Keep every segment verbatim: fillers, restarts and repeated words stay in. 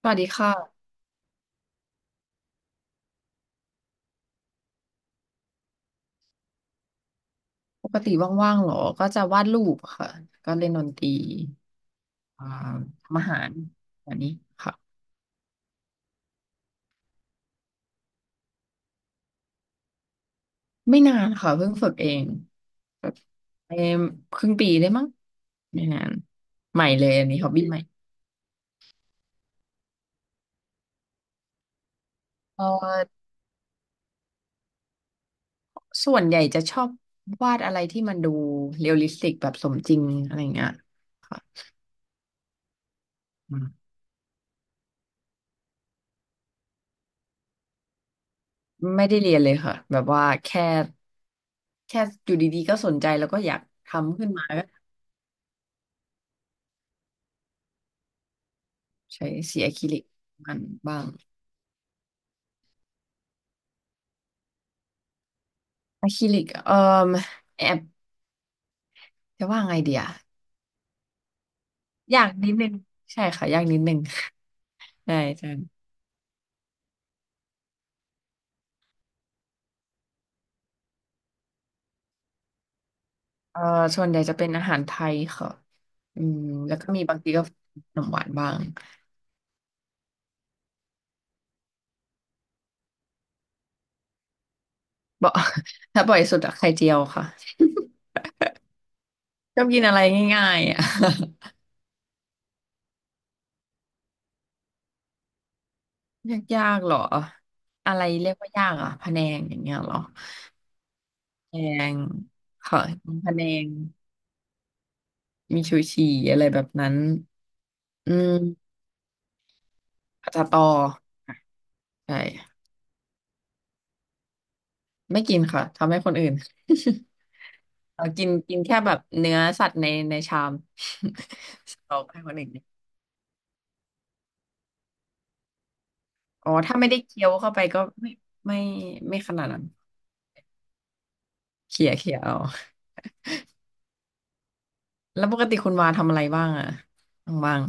สวัสดีค่ะปกติว่างๆเหรอก็จะวาดรูปค่ะก็เล่นดนตรีอ่าทำอาหารแบบนี้ค่ะไม่นานค่ะเพิ่งฝึกเองแบบเอ่มครึ่งปีได้มั้งไม่นานใหม่เลยอันนี้ฮอบบี้ใหม่เออส่วนใหญ่จะชอบวาดอะไรที่มันดูเรียลลิสติกแบบสมจริงอะไรอย่างเงี้ยค่ะอืมไม่ได้เรียนเลยค่ะแบบว่าแค่แค่อยู่ดีๆก็สนใจแล้วก็อยากทำขึ้นมา ใช้สีอะคริลิกมันบ้างอะคริลิกเอ่อแอบจะว่าไงเดียยากนิดนึงใช่ค่ะยากนิดนึง ใช่ใช่เอ่อส่วนใหญ่จะเป็นอาหารไทยค่ะอืมแล้วก็มีบางทีก็ขนมหวานบ้างบ่ ถ้าบ่อยสุดอะไข่เจียวค่ะชอบกินอะไรง่ายๆอะ ยากๆหรออะไรเรียกว่ายากอะพะแนงอย่างเงี้ยเหรอแพงค่ะมีพะแนงมีชูชีอะไรแบบนั้นอืมผัดสะตอใช่ ไม่กินค่ะทำให้คนอื่น เรากินกินแค่แบบเนื้อสัตว์ในในชาม เอาให้คนอื่นอ๋อถ้าไม่ได้เคี้ยวเข้าไปก็ไม่ไม่ไม่ขนาดนั้นเขี่ยเขี่ยเอาแล้วปกติคุณวาทำอะไรบ้างอะบ้าง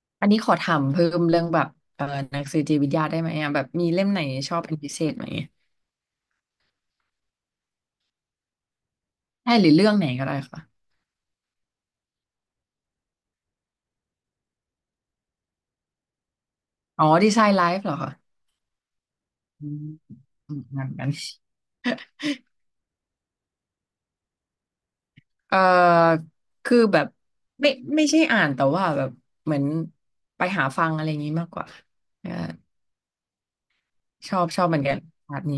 ๆอันนี้ขอถามเพิ่มเรื่องแบบเอ่อหนังสือจิตวิทยาได้ไหมอะแบบมีเล่มไหนชอบเป็นพิเศษไหมใช่หรือเรื่องไหนก็ได้ค่ะอ๋อดีไซน์ไลฟ์เหรอคะอืมอืมงานกัน เอ่อคือแบบไม่ไม่ใช่อ่านแต่ว่าแบบเหมือนไปหาฟังอะไรอย่างนี้มากกว่าเอ่อชอบชอบเหมือนกันศาสตร์นี้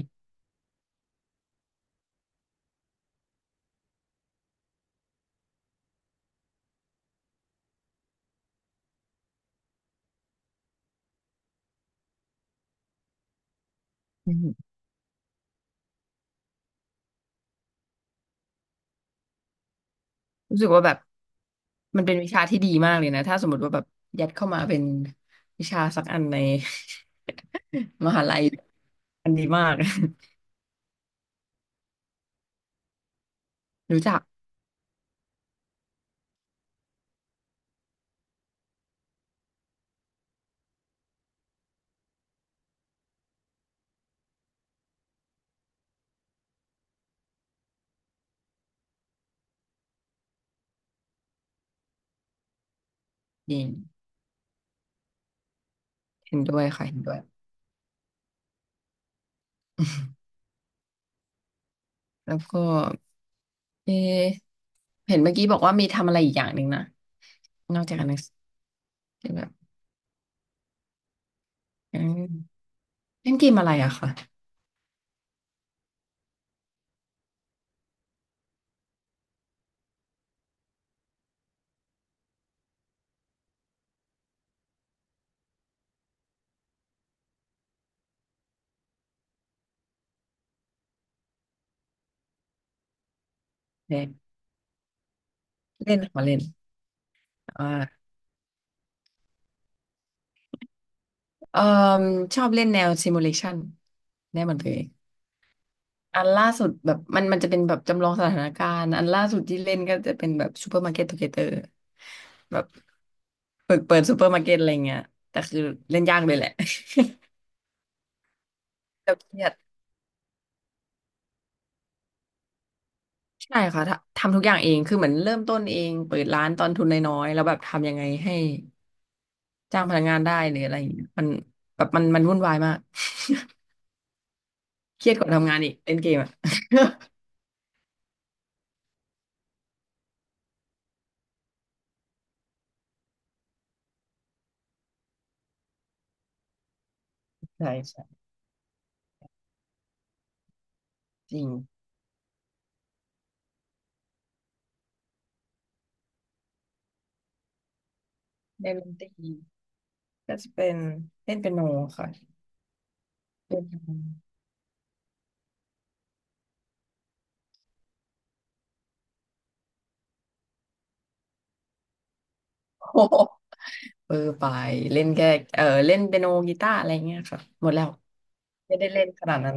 อืมรู้สึกว่าแบบมันเป็นวิชาที่ดีมากเลยนะถ้าสมมติว่าแบบยัดเข้ามาเป็นวิชาสักอันใน มหาลัยอันดีมาก รู้จักจริงเห็นด้วยค่ะเห็นด้วยแล้วก็เออเห็นเมื่อกี้บอกว่ามีทำอะไรอีกอย่างหนึ่งนะนอกจากอ่านหนังสือแบบ เล่นเกมอะไรอะค่ะเล่นเล่นมาเล่นอ่าเอ่อชอบเล่นแนว simulation แน่เหมือนตัวเองอันล่าสุดแบบมันมันจะเป็นแบบจำลองสถานการณ์อันล่าสุดที่เล่นก็จะเป็นแบบ Supermarket Together แบบเปิดเปิดซูเปอร์มาร์เก็ตอะไรเงี้ยแต่คือเล่นยากเลยแหละ แต่เครียดใช่ค่ะทำทำทุกอย่างเองคือเหมือนเริ่มต้นเองเปิดร้านตอนทุนน้อยๆแล้วแบบทำยังไงให้จ้างพนักงานได้หรืออะไรอย่างเงี้ยมันแบบมันมันวุ่นวายมากเครียดกว่าทำงานอีกเล่นเกมอะ ใช่ใช่จริงในดนตรีก็จะเป็นเล่นเปียโนค่ะเล่นเป็นโอ้โหเออไปเล่นแค่เออเล่นเปียโนกีตาร์อะไรเงี้ยค่ะหมดแล้วไม่ได้เล่นขนาดนั้น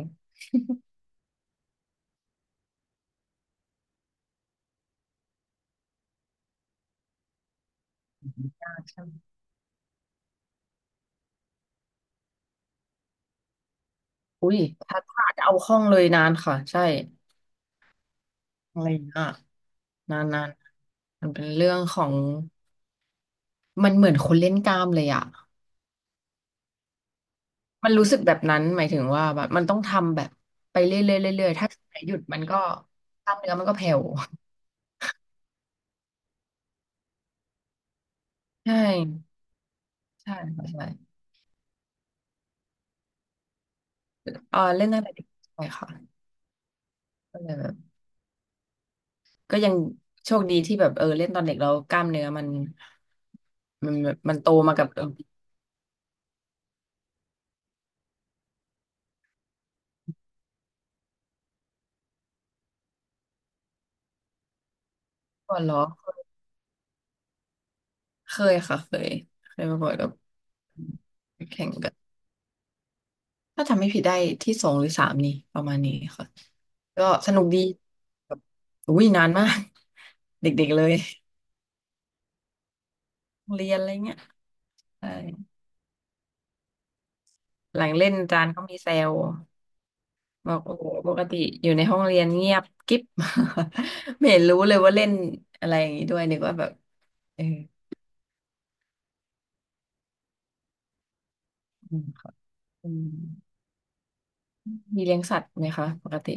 ยากใช่ไหมอุ้ยถ้าถ้าจะเอาคล่องเลยนานค่ะใช่อะไรนะนานนานมันเป็นเรื่องของมันเหมือนคนเล่นกล้ามเลยอ่ะมันรู้สึกแบบนั้นหมายถึงว่าแบบมันต้องทำแบบไปเรื่อยๆเรื่อยๆถ้าช่วงไหนหยุดมันก็กล้ามเนื้อมันก็แผ่วใช่ ใช่ค่ะใช่เออเล่นตั้งแต่เด็กใช่ค่ะก็เลยแบบก็ยังโชคดีที่แบบเออเล่นตอนเด็กแล้วกล้ามเนื้อมันมันแบบมันโตมากับเออก่อนเหรอเคยค่ะเคยเคยมาบ่อยกับแข่งกันถ้าจำไม่ผิดได้ที่สองหรือสามนี่ประมาณนี้ค่ะก็สนุกดีแบบอุ้ยนานมาก เด็กๆเลยโรงเรียนอะไรเงี้ยใช่หลังเล่นอาจารย์ก็มีแซว บอกโอ้โหปกติอยู่ในห้องเรียนเงียบกิ๊บ ไม่เห็นรู้เลยว่าเล่นอะไรอย่างนี้ด้วยนึกว่าแบบเอออืมค่ะอืมมีเลี้ยงสัตว์ไหมคะปกติ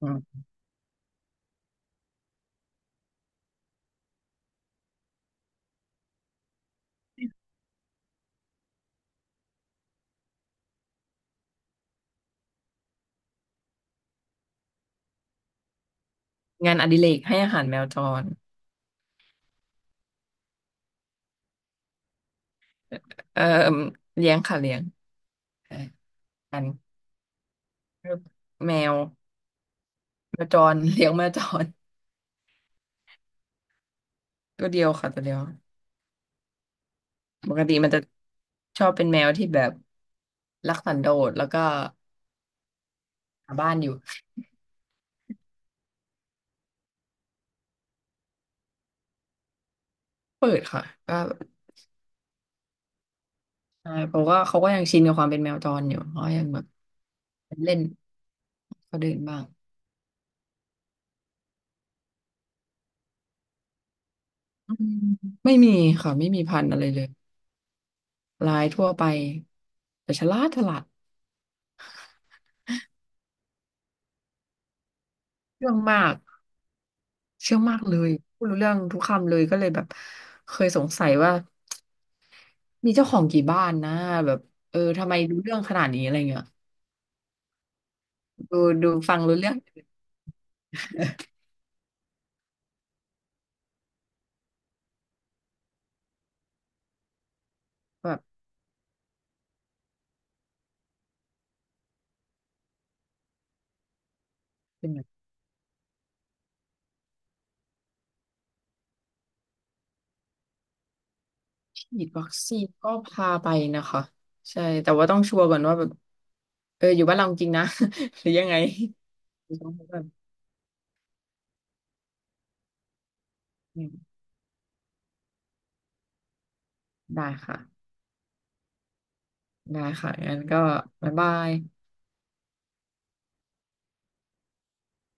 อืมงานอดิเรกให้อาหารแมวจรเออเลี้ยงค่ะเลี้ยงเออกันแมวแมวจร เลี้ยงแมวจรตัวเดียวค่ะตัวเดียวปกติมันจะชอบเป็นแมวที่แบบรักสันโดษแล้วก็หาบ้านอยู่เปิดค่ะก็ ใช่เพราะว่าเขาก็ยังชินกับความเป็นแมวจรอยู่เขายังแบบเล่นเขาเดินบ้างอืมไม่มีค่ะไม่มีพันธุ์อะไรเลยลายทั่วไปแต่ฉลาดฉลาดเชื่องมากเชื่องมากเลยพูดรู้เรื่องทุกคำเลยก็เลยแบบเคยสงสัยว่ามีเจ้าของกี่บ้านนะแบบเออทำไมรู้เรื่องขนาดนี้อะไรเงี้ยดูดูฟังรู้เรื่องแบบเป็นแบบฉีดวัคซีนก็พาไปนะคะใช่แต่ว่าต้องชัวร์ก่อนว่าแบบเอออยู่บ้านเราจริงนะ หรือยังไง ต้องแบบได้ค่ะ ได้ค่ะงั้นก็บ๊ายบาย